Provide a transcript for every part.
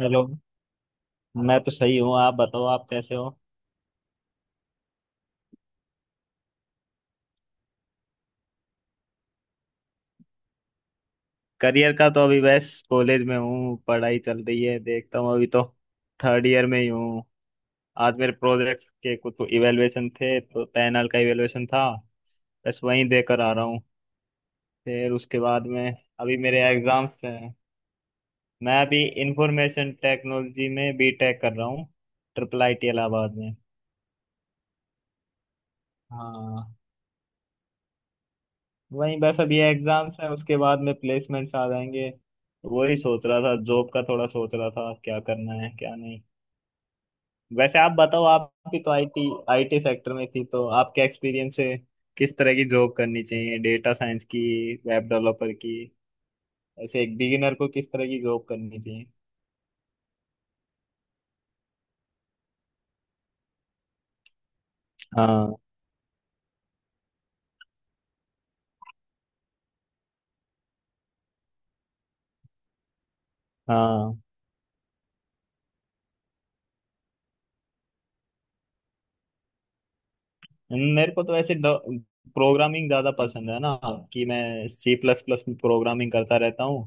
Hello. मैं तो सही हूँ, आप बताओ, आप कैसे हो? करियर का तो अभी बस कॉलेज में हूँ, पढ़ाई चल रही है, देखता हूँ अभी तो। थर्ड ईयर में ही हूँ। आज मेरे प्रोजेक्ट के कुछ इवेलुएशन थे, तो पैनल का इवेलुएशन था। बस वहीं देकर आ रहा हूँ। फिर उसके बाद में अभी मेरे एग्जाम्स हैं। मैं अभी इंफॉर्मेशन टेक्नोलॉजी में बीटेक कर रहा हूँ। ट्रिपल आईटी इलाहाबाद में। हाँ। वही बस अभी एग्जाम्स है, उसके बाद में प्लेसमेंट्स आ जाएंगे। वही सोच रहा था, जॉब का थोड़ा सोच रहा था, क्या करना है क्या नहीं। वैसे आप बताओ, आप भी तो आईटी आईटी सेक्टर में थी, तो आपके एक्सपीरियंस से किस तरह की जॉब करनी चाहिए, डेटा साइंस की, वेब डेवलपर की, ऐसे एक बिगिनर को किस तरह की जॉब करनी चाहिए? हाँ, हाँ। मेरे को तो ऐसे प्रोग्रामिंग ज्यादा पसंद है ना, कि मैं सी प्लस प्लस में प्रोग्रामिंग करता रहता हूँ।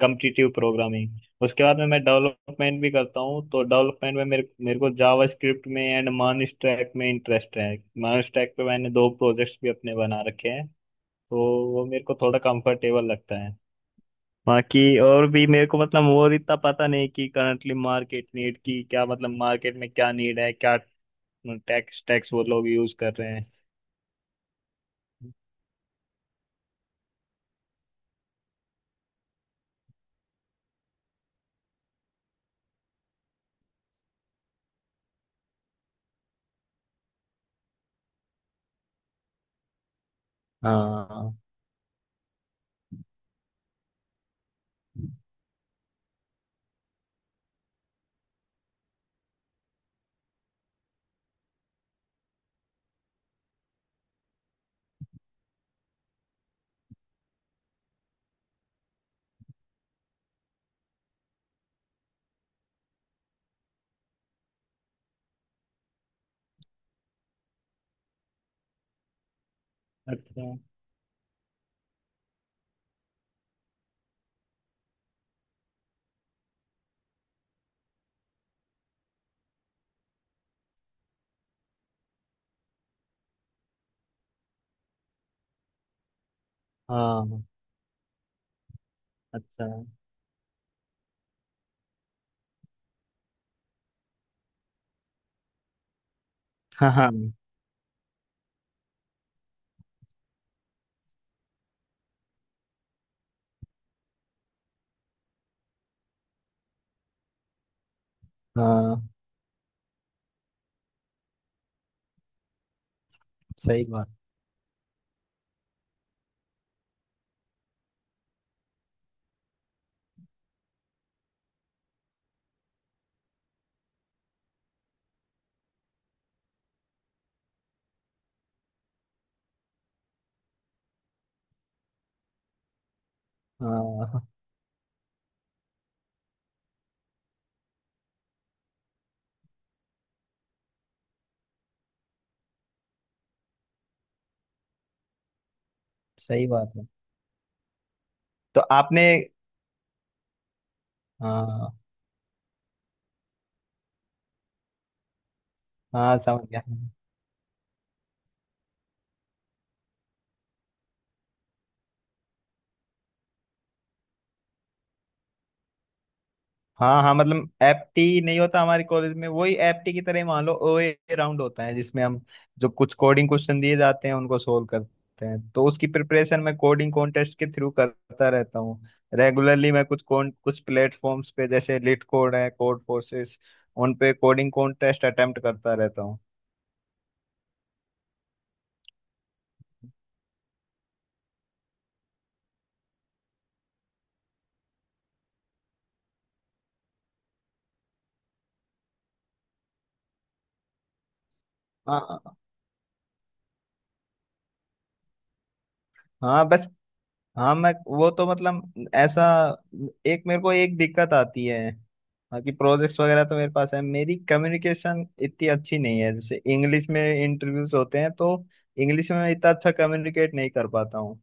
Competitive programming. उसके बाद में मैं डेवलपमेंट भी करता हूँ, तो डेवलपमेंट में मेरे मेरे को जावा स्क्रिप्ट में एंड मान स्टैक में इंटरेस्ट है। मान स्टैक पे मैंने दो प्रोजेक्ट्स भी अपने बना रखे हैं। तो वो मेरे को थोड़ा कंफर्टेबल लगता है। बाकी और भी मेरे को मतलब और इतना पता नहीं कि करंटली मार्केट नीड की क्या, मतलब मार्केट में क्या नीड है, क्या टैक्स टैक्स वो लोग यूज कर रहे हैं। हाँ। अच्छा। हाँ। अच्छा। हाँ, हाँ। हाँ, सही बात। हाँ, सही बात है। तो आपने, हाँ, हाँ, समझ गया। हाँ, हाँ, मतलब एप्टी नहीं होता हमारे कॉलेज में, वही एप्टी की तरह ही मान लो, ओए राउंड होता है जिसमें हम जो कुछ कोडिंग क्वेश्चन दिए जाते हैं उनको सोल्व करते हैं, तो उसकी प्रिपरेशन मैं कोडिंग कॉन्टेस्ट के थ्रू करता रहता हूँ। रेगुलरली मैं कुछ प्लेटफॉर्म्स पे, जैसे लिट कोड है, कोड फोर्सेस, उन पे कोडिंग कॉन्टेस्ट अटेम्प्ट करता रहता हूँ। हाँ, हाँ, बस। हाँ, मैं वो तो मतलब ऐसा, एक मेरे को एक दिक्कत आती है। बाकी प्रोजेक्ट्स वगैरह तो मेरे पास है, मेरी कम्युनिकेशन इतनी अच्छी नहीं है, जैसे इंग्लिश में इंटरव्यूज होते हैं, तो इंग्लिश में मैं इतना अच्छा कम्युनिकेट नहीं कर पाता हूँ।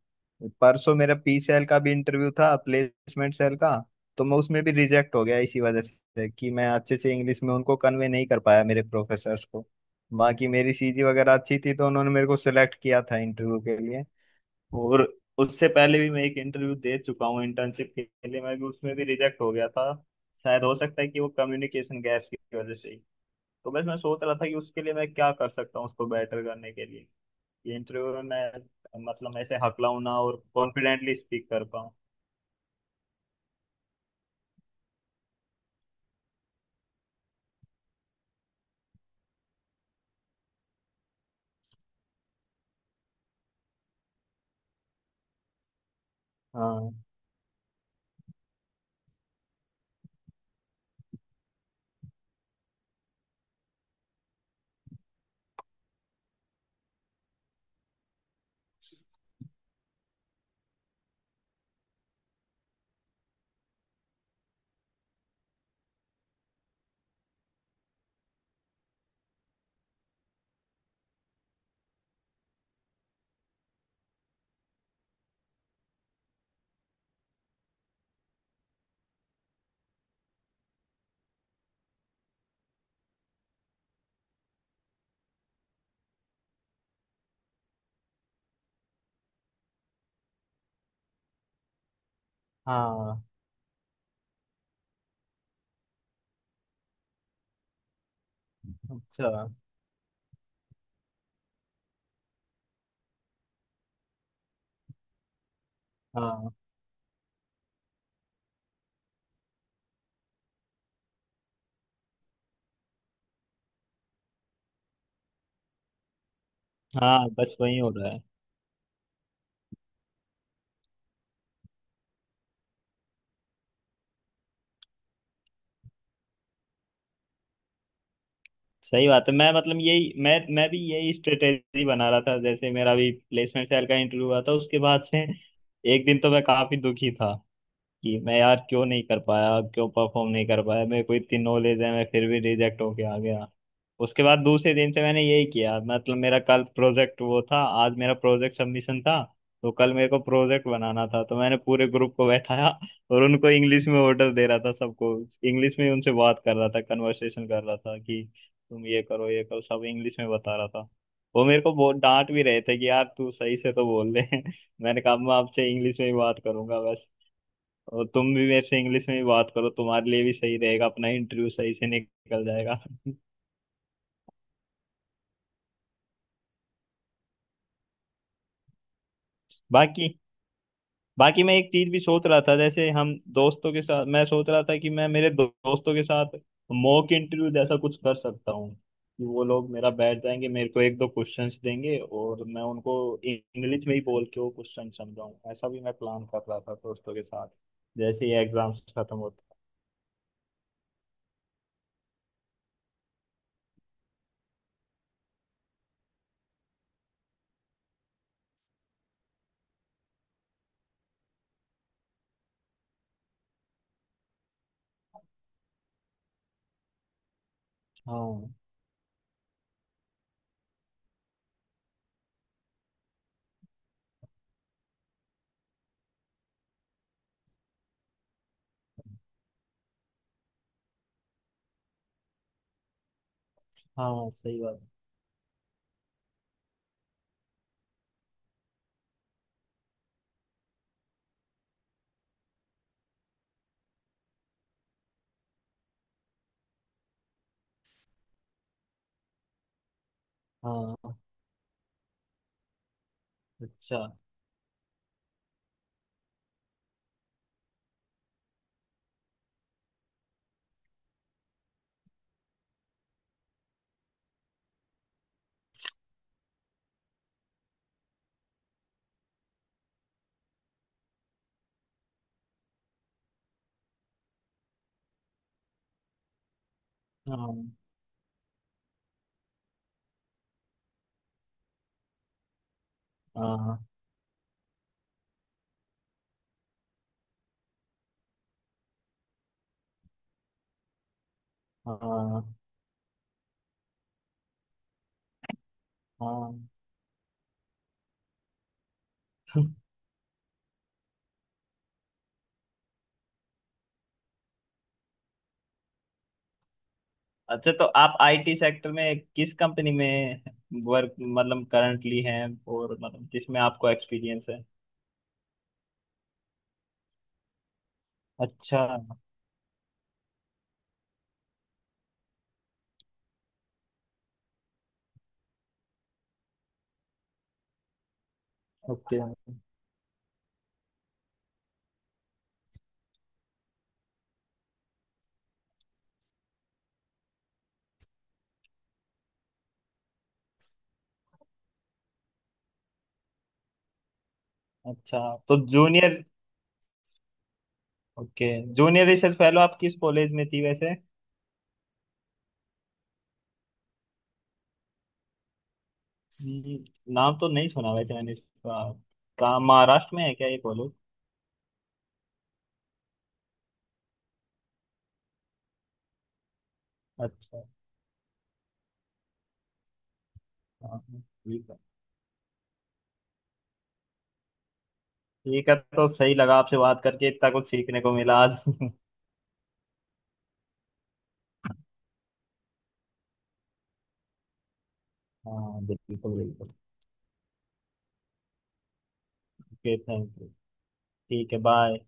परसों मेरा पी सेल का भी इंटरव्यू था, प्लेसमेंट सेल का। तो मैं उसमें भी रिजेक्ट हो गया, इसी वजह से कि मैं अच्छे से इंग्लिश में उनको कन्वे नहीं कर पाया, मेरे प्रोफेसर्स को। बाकी मेरी सीजी वगैरह अच्छी थी, तो उन्होंने मेरे को सिलेक्ट किया था इंटरव्यू के लिए। और उससे पहले भी मैं एक इंटरव्यू दे चुका हूँ इंटर्नशिप के लिए, मैं भी उसमें भी रिजेक्ट हो गया था। शायद हो सकता है कि वो कम्युनिकेशन गैप्स की वजह से ही। तो बस मैं सोच रहा था कि उसके लिए मैं क्या कर सकता हूँ, उसको बेटर करने के लिए, ये इंटरव्यू में मैं मतलब ऐसे हकलाऊँ ना, और कॉन्फिडेंटली स्पीक कर पाऊँ। हाँ, हाँ। अच्छा। हाँ, हाँ, बस वही हो रहा है। सही बात है, मैं मतलब यही मैं भी यही स्ट्रेटेजी बना रहा था, जैसे मेरा भी प्लेसमेंट सेल का इंटरव्यू हुआ था उसके बाद से। एक दिन तो मैं काफी दुखी था कि मैं यार क्यों नहीं कर पाया, क्यों परफॉर्म नहीं कर पाया, मेरे को इतनी नॉलेज है मैं फिर भी रिजेक्ट होके आ गया। उसके बाद दूसरे दिन से मैंने यही किया, मतलब मेरा कल प्रोजेक्ट वो था, आज मेरा प्रोजेक्ट सबमिशन था, तो कल मेरे को प्रोजेक्ट बनाना था, तो मैंने पूरे ग्रुप को बैठाया और उनको इंग्लिश में ऑर्डर दे रहा था सबको, इंग्लिश में उनसे बात कर रहा था, कन्वर्सेशन कर रहा था कि तुम ये करो सब इंग्लिश में बता रहा था। वो मेरे को बहुत डांट भी रहे थे कि यार तू सही से तो बोल ले। मैंने कहा मैं आपसे इंग्लिश में ही बात करूंगा बस, और तुम भी मेरे से इंग्लिश में ही बात करो, तुम्हारे लिए भी सही रहेगा, अपना इंटरव्यू सही से निकल जाएगा। बाकी बाकी मैं एक चीज भी सोच रहा था, जैसे हम दोस्तों के साथ मैं सोच रहा था कि मैं मेरे दोस्तों के साथ मॉक इंटरव्यू जैसा कुछ कर सकता हूँ, कि वो लोग मेरा बैठ जाएंगे, मेरे को एक दो क्वेश्चंस देंगे और मैं उनको इंग्लिश में ही बोल के वो क्वेश्चन समझाऊँ। ऐसा भी मैं प्लान कर रहा था दोस्तों के साथ, जैसे ही एग्जाम्स खत्म होते। हाँ, हाँ, सही बात। हाँ। अच्छा। हाँ, हाँ, हाँ, हाँ। अच्छा, तो आप आईटी सेक्टर में किस कंपनी में वर्क मतलब करंटली हैं, और मतलब जिसमें आपको एक्सपीरियंस है? अच्छा। ओके। अच्छा। तो junior, okay. Junior research fellow आप किस कॉलेज में थी वैसे? हम्म। नाम तो नहीं सुना वैसे मैंने इसका। कहाँ, महाराष्ट्र में है क्या ये कॉलेज? अच्छा। हाँ, ठीक है। ठीक है, तो सही लगा आपसे बात करके, इतना कुछ सीखने को मिला आज। हाँ बिल्कुल, बिल्कुल। Okay, thank you. ठीक है, बाय।